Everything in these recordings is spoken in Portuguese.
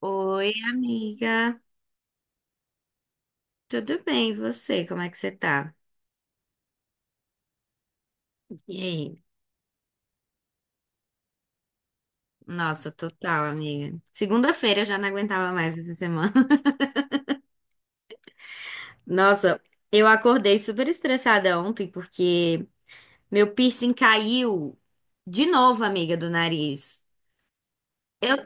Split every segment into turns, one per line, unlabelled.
Oi, amiga. Tudo bem, e você? Como é que você tá? E aí? Nossa, total, amiga. Segunda-feira eu já não aguentava mais essa semana. Nossa, eu acordei super estressada ontem porque meu piercing caiu de novo, amiga, do nariz. Eu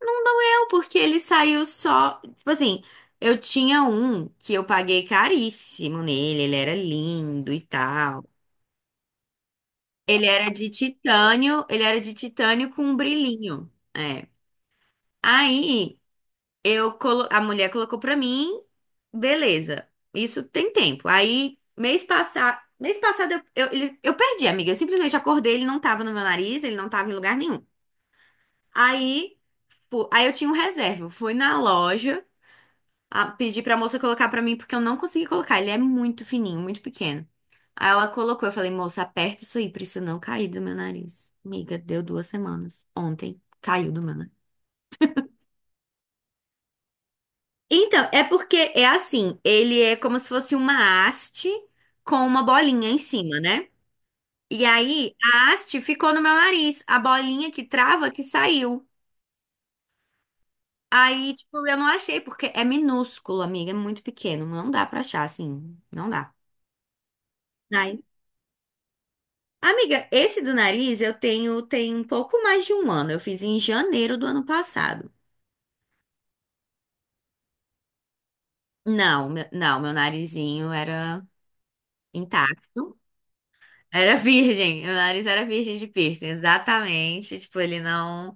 não doeu porque ele saiu só, tipo assim, eu tinha um que eu paguei caríssimo nele, ele era lindo e tal. Ele era de titânio, ele era de titânio com um brilhinho. É. Aí eu a mulher colocou pra mim, beleza. Isso tem tempo. Aí mês passado eu perdi, amiga. Eu simplesmente acordei, ele não tava no meu nariz, ele não tava em lugar nenhum. Aí, aí, eu tinha um reserva. Eu fui na loja, pedi pra moça colocar pra mim porque eu não consegui colocar. Ele é muito fininho, muito pequeno. Aí ela colocou, eu falei, moça, aperta isso aí pra isso não cair do meu nariz. Amiga, deu duas semanas. Ontem caiu do meu nariz. Então, é porque é assim, ele é como se fosse uma haste com uma bolinha em cima, né? E aí, a haste ficou no meu nariz, a bolinha que trava que saiu. Aí, tipo, eu não achei, porque é minúsculo, amiga, é muito pequeno, não dá pra achar, assim, não dá. Aí, amiga, esse do nariz eu tenho tem um pouco mais de um ano, eu fiz em janeiro do ano passado. Não, meu narizinho era intacto. Era virgem, meu nariz era virgem de piercing, exatamente. Tipo, ele não.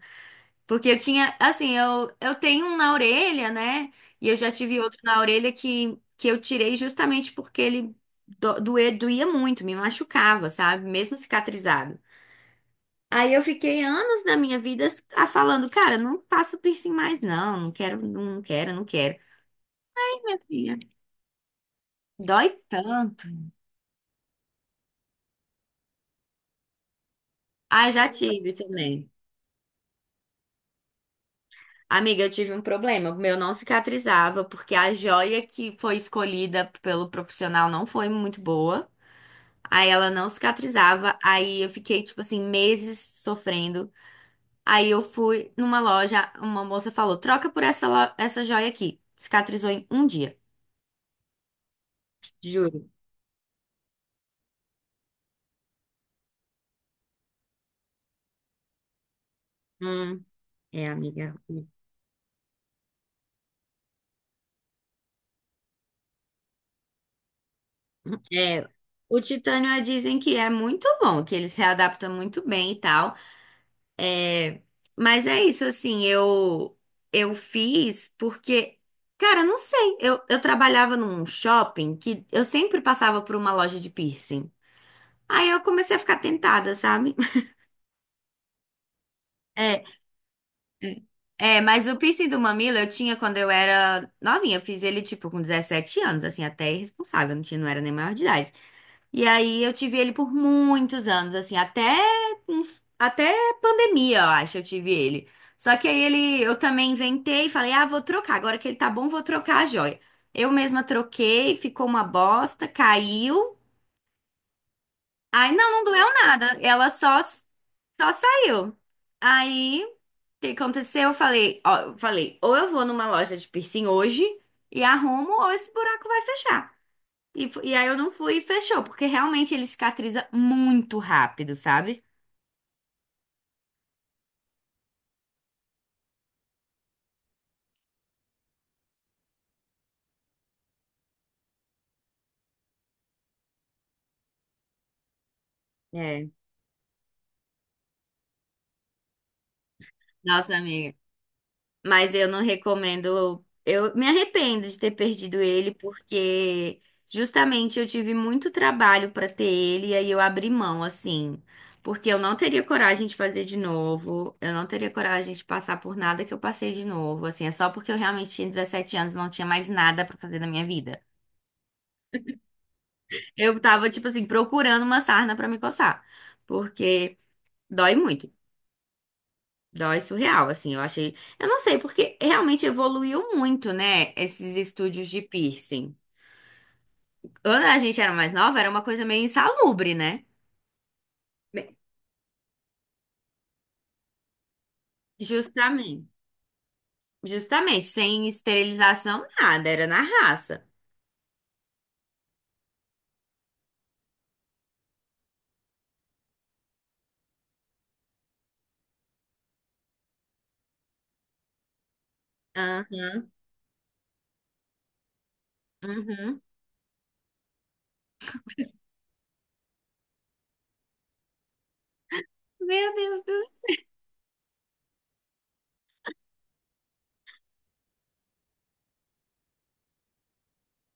Porque eu tinha, assim, eu tenho um na orelha, né? E eu já tive outro na orelha que eu tirei justamente porque ele doía muito, me machucava, sabe? Mesmo cicatrizado. Aí eu fiquei anos da minha vida falando, cara, não faço piercing mais, não, não quero, não quero, não quero. Ih, minha filha, dói tanto. Ah, já tive também. Amiga, eu tive um problema. O meu não cicatrizava, porque a joia que foi escolhida pelo profissional não foi muito boa. Aí ela não cicatrizava. Aí eu fiquei, tipo assim, meses sofrendo. Aí eu fui numa loja, uma moça falou: troca por essa, essa joia aqui. Cicatrizou em um dia, juro. Hum, é, amiga. É, o titânio dizem que é muito bom, que ele se adapta muito bem e tal. Mas é isso, assim, eu fiz porque, cara, não sei, eu trabalhava num shopping que eu sempre passava por uma loja de piercing. Aí eu comecei a ficar tentada, sabe? É, é, mas o piercing do mamilo eu tinha quando eu era novinha, eu fiz ele tipo com 17 anos, assim, até irresponsável, não tinha, não era nem maior de idade. E aí eu tive ele por muitos anos, assim, até até pandemia, eu acho, eu tive ele. Só que aí eu também inventei e falei: "Ah, vou trocar. Agora que ele tá bom, vou trocar a joia". Eu mesma troquei, ficou uma bosta, caiu. Aí não, não doeu nada. Ela só saiu. Aí o que aconteceu? Eu falei, ó, eu falei, ou eu vou numa loja de piercing hoje e arrumo, ou esse buraco vai fechar. E aí eu não fui e fechou, porque realmente ele cicatriza muito rápido, sabe? É. Nossa, amiga. Mas eu não recomendo. Eu me arrependo de ter perdido ele, porque justamente eu tive muito trabalho pra ter ele, e aí eu abri mão, assim. Porque eu não teria coragem de fazer de novo, eu não teria coragem de passar por nada que eu passei de novo, assim. É só porque eu realmente tinha 17 anos, não tinha mais nada pra fazer na minha vida. Eu tava, tipo assim, procurando uma sarna pra me coçar. Porque. Dói muito. Dói surreal, assim. Eu achei. Eu não sei, porque realmente evoluiu muito, né? Esses estúdios de piercing. Quando a gente era mais nova, era uma coisa meio insalubre, né? Bem, justamente. Justamente. Sem esterilização, nada. Era na raça. Aham. Uhum. Meu Deus do céu.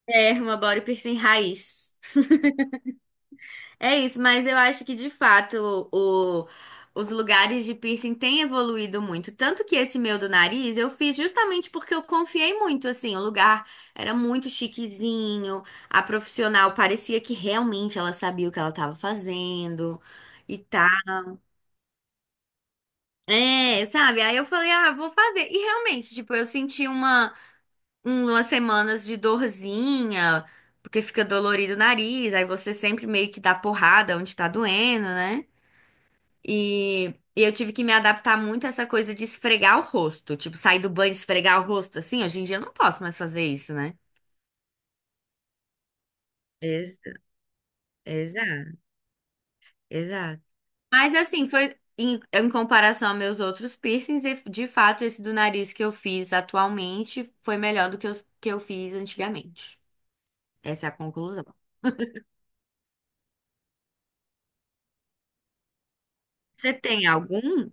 É, uma body piercing raiz. É isso, mas eu acho que de fato o- os lugares de piercing têm evoluído muito. Tanto que esse meu do nariz eu fiz justamente porque eu confiei muito, assim. O lugar era muito chiquezinho, a profissional parecia que realmente ela sabia o que ela estava fazendo e tá. É, sabe? Aí eu falei, ah, vou fazer. E realmente, tipo, eu senti uma, umas semanas de dorzinha, porque fica dolorido o nariz, aí você sempre meio que dá porrada onde tá doendo, né? E, e eu tive que me adaptar muito a essa coisa de esfregar o rosto. Tipo, sair do banho e esfregar o rosto assim. Hoje em dia eu não posso mais fazer isso, né? Ex- Exato, exato. Mas assim, foi em comparação a meus outros piercings, e de fato, esse do nariz que eu fiz atualmente foi melhor do que os que eu fiz antigamente. Essa é a conclusão. Você tem algum?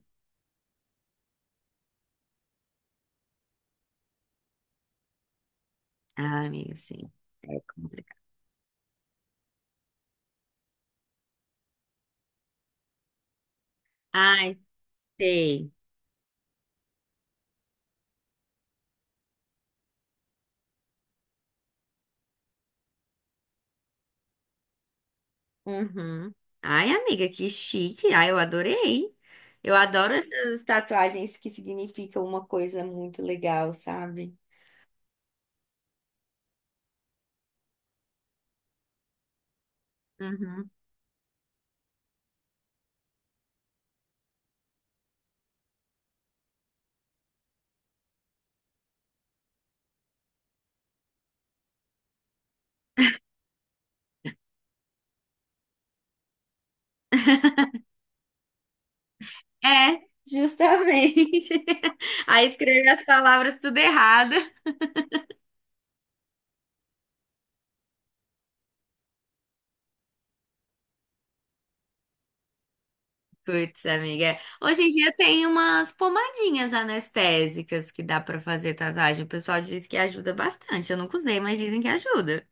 Ah, amiga, sim. É complicado. Ai, sei. Uhum. Ai, amiga, que chique. Ai, eu adorei. Eu adoro essas tatuagens que significam uma coisa muito legal, sabe? Uhum. É, justamente. Aí escreve as palavras tudo errado. Putz, amiga. Hoje em dia tem umas pomadinhas anestésicas que dá pra fazer tatuagem. O pessoal diz que ajuda bastante. Eu nunca usei, mas dizem que ajuda.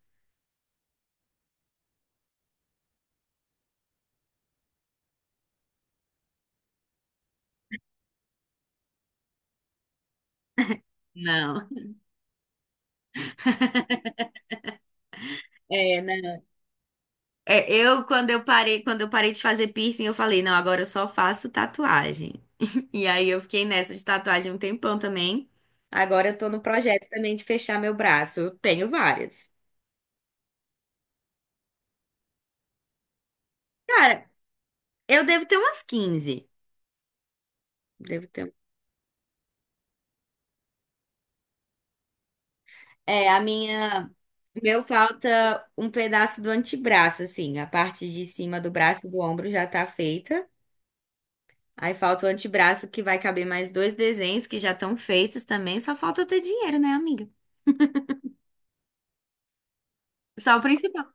Não. É, não. É, eu quando eu parei de fazer piercing, eu falei, não, agora eu só faço tatuagem. E aí eu fiquei nessa de tatuagem um tempão também. Agora eu tô no projeto também de fechar meu braço. Eu tenho várias. Cara, eu devo ter umas 15. Devo ter. um, É, a minha. O Meu falta um pedaço do antebraço, assim. A parte de cima do braço e do ombro já tá feita. Aí falta o antebraço que vai caber mais dois desenhos que já estão feitos também. Só falta eu ter dinheiro, né, amiga? Só o principal.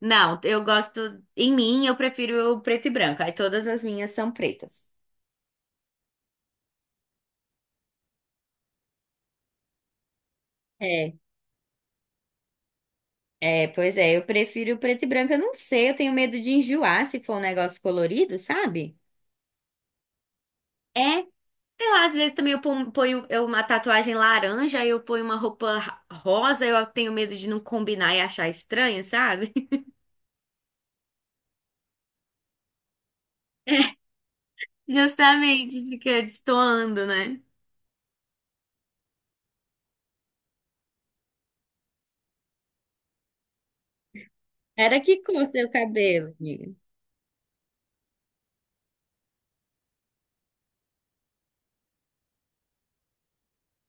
Não, eu gosto. Em mim, eu prefiro o preto e branco. Aí todas as minhas são pretas. É, é, pois é, eu prefiro o preto e branco. Eu não sei, eu tenho medo de enjoar se for um negócio colorido, sabe? É, sei lá, às vezes também eu ponho eu, uma tatuagem laranja, aí eu ponho uma roupa rosa, eu tenho medo de não combinar e achar estranho, sabe? Justamente, fica destoando, né? Era que cor seu cabelo, amiga?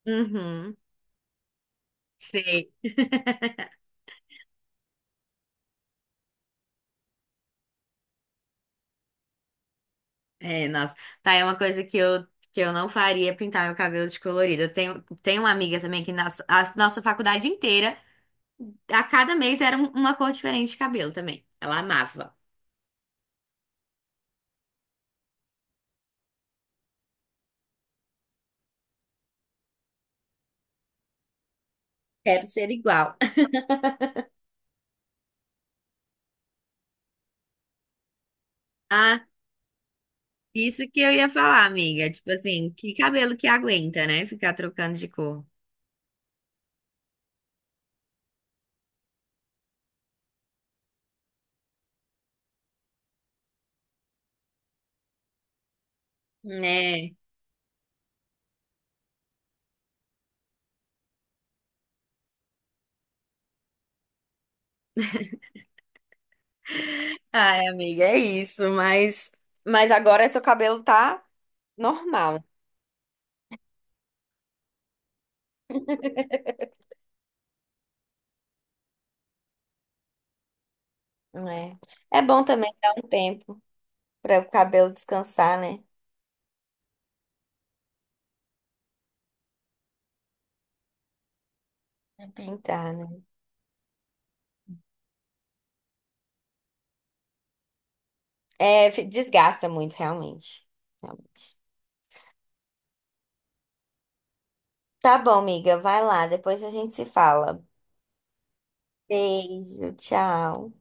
Uhum. Sei. É, nossa, tá, é uma coisa que eu não faria pintar meu cabelo de colorido. Eu tenho uma amiga também que na a nossa faculdade inteira, a cada mês era uma cor diferente de cabelo também. Ela amava. Quero ser igual. Ah, isso que eu ia falar, amiga. Tipo assim, que cabelo que aguenta, né? Ficar trocando de cor. Né? Ai, amiga, é isso, mas agora seu cabelo tá normal, né? É bom também dar um tempo para o cabelo descansar, né? Pra pintar, né? É, desgasta muito, realmente. Realmente. Tá bom, amiga, vai lá, depois a gente se fala. Beijo, tchau.